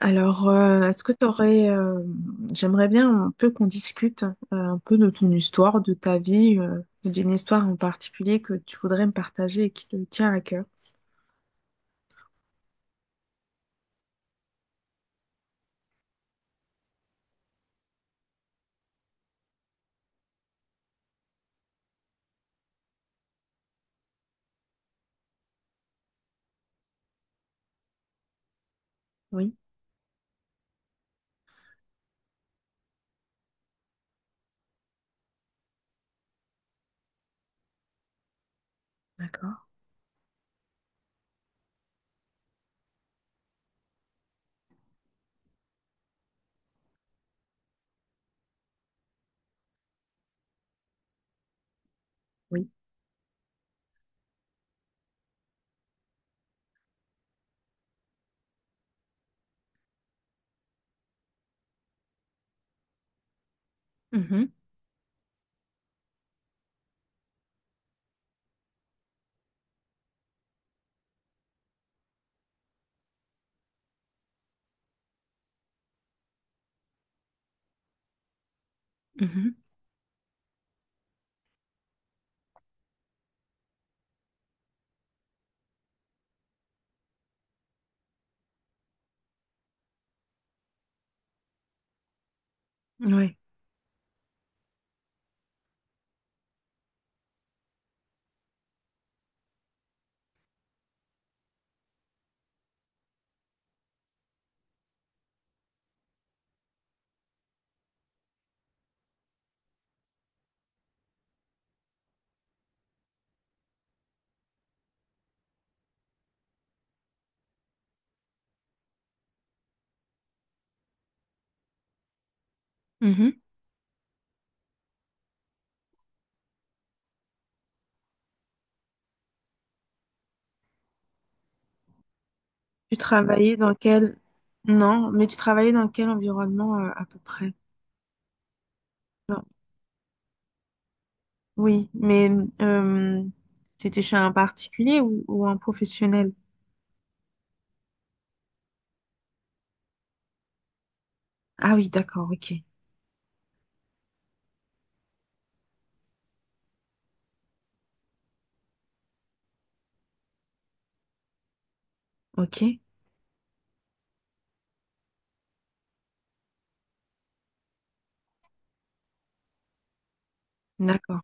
Alors, est-ce que tu aurais... j'aimerais bien un peu qu'on discute un peu de ton histoire, de ta vie, ou d'une histoire en particulier que tu voudrais me partager et qui te tient à cœur. Oui, d'accord, oui. Mhm, mhm, ouais. Mhm. Tu travaillais dans quel... Non, mais tu travaillais dans quel environnement à peu près? Non. Oui, mais euh, c'était chez un particulier ou un professionnel? Ah oui, d'accord, ok, ok, d'accord.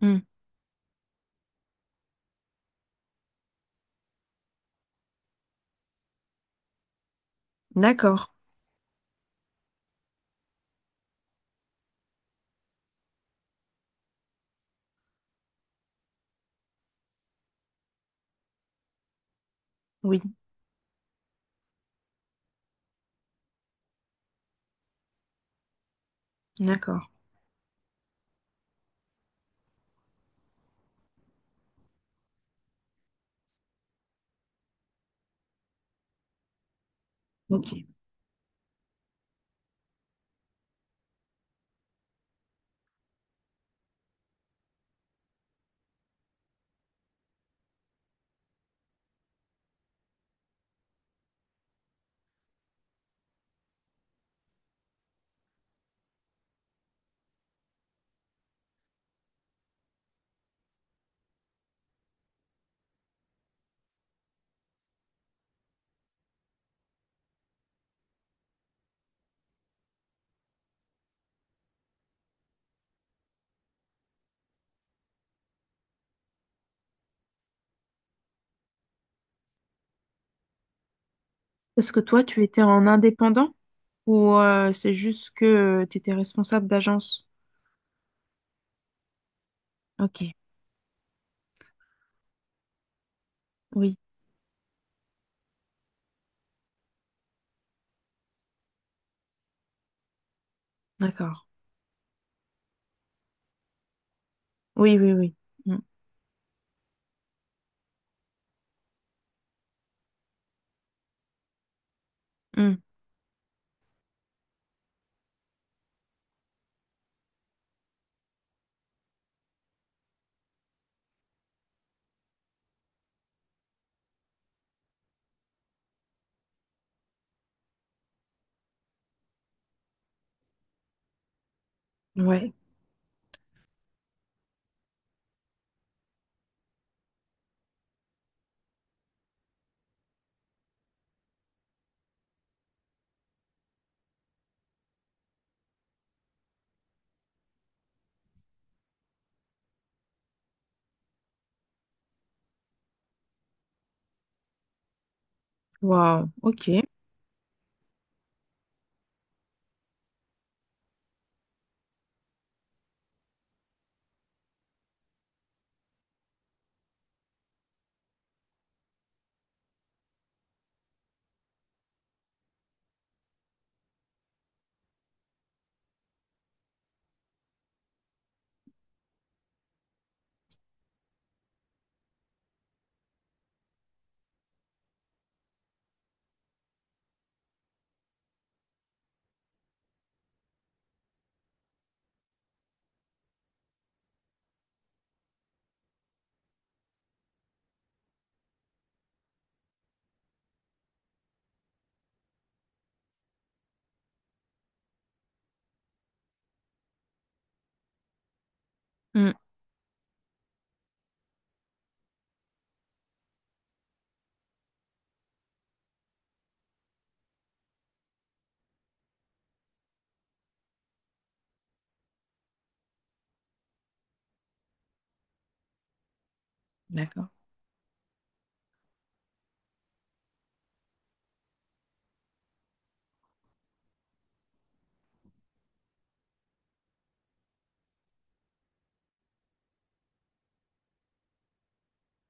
Hmm, d'accord, oui. D'accord, ok. Est-ce que toi, tu étais en indépendant ou c'est juste que tu étais responsable d'agence? Ok, oui, d'accord. Oui, oui, oui. Mm, mm. Ouais, wow, ok. Mm. D'accord.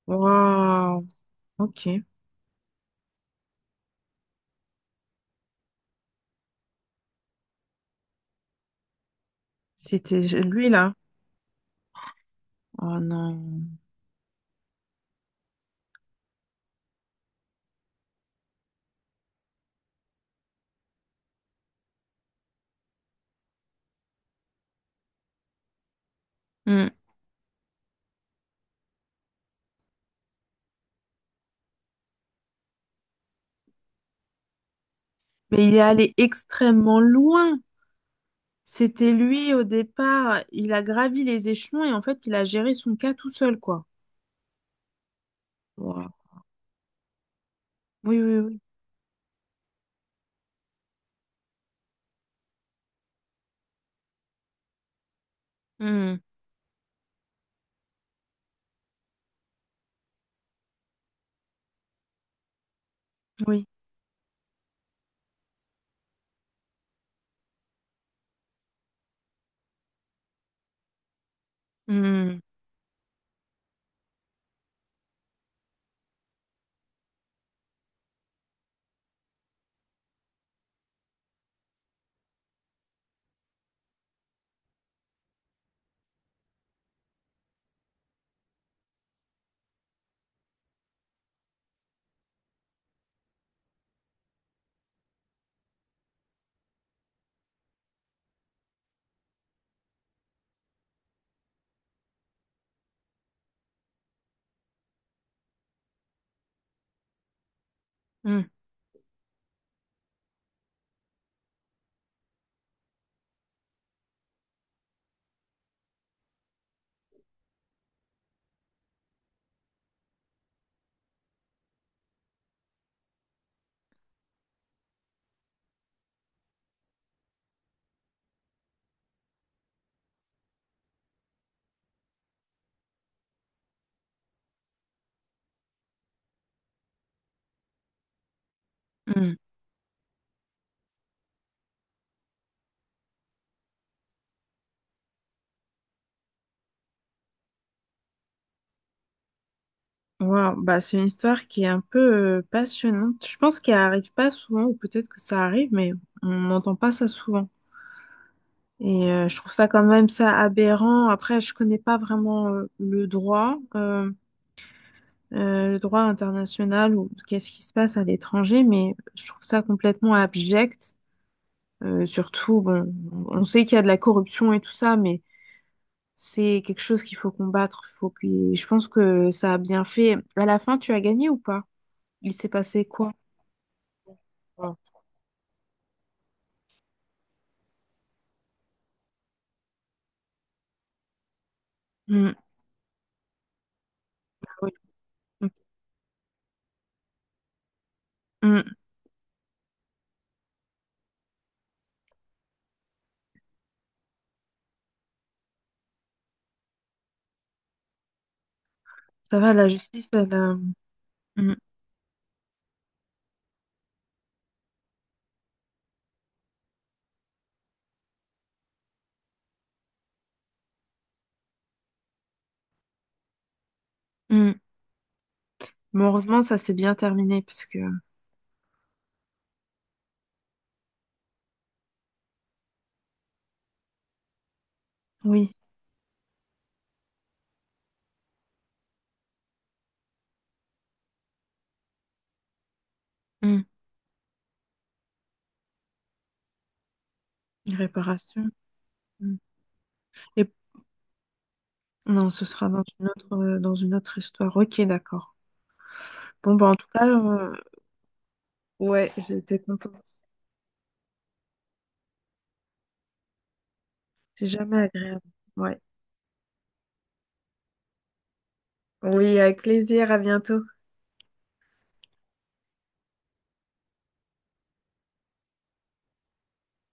Wow, ok. C'était lui là. Oh non. Mm. Mais il est allé extrêmement loin. C'était lui au départ. Il a gravi les échelons et en fait, il a géré son cas tout seul, quoi. Wow. Oui, oui, oui. Mm. Oui. Mm, mm. Hmm. Wow. Bah, c'est une histoire qui est un peu passionnante. Je pense qu'elle arrive pas souvent, ou peut-être que ça arrive, mais on n'entend pas ça souvent. Et je trouve ça quand même ça aberrant. Après, je connais pas vraiment le droit international ou qu'est-ce qui se passe à l'étranger, mais je trouve ça complètement abject. Surtout, bon, on sait qu'il y a de la corruption et tout ça, mais c'est quelque chose qu'il faut combattre. Faut que... Je pense que ça a bien fait. À la fin, tu as gagné ou pas? Il s'est passé quoi? Ah, mm, ah oui. Mm, mm. Ça va, la justice, elle. Mm, mm. Mais heureusement, ça s'est bien terminé parce que oui, mm, réparation. Mm. Et non, ce sera dans une autre histoire. Ok, d'accord. Bon, bah en tout cas, ouais, j'étais contente. C'est jamais agréable. Ouais. Oui, avec plaisir. À bientôt.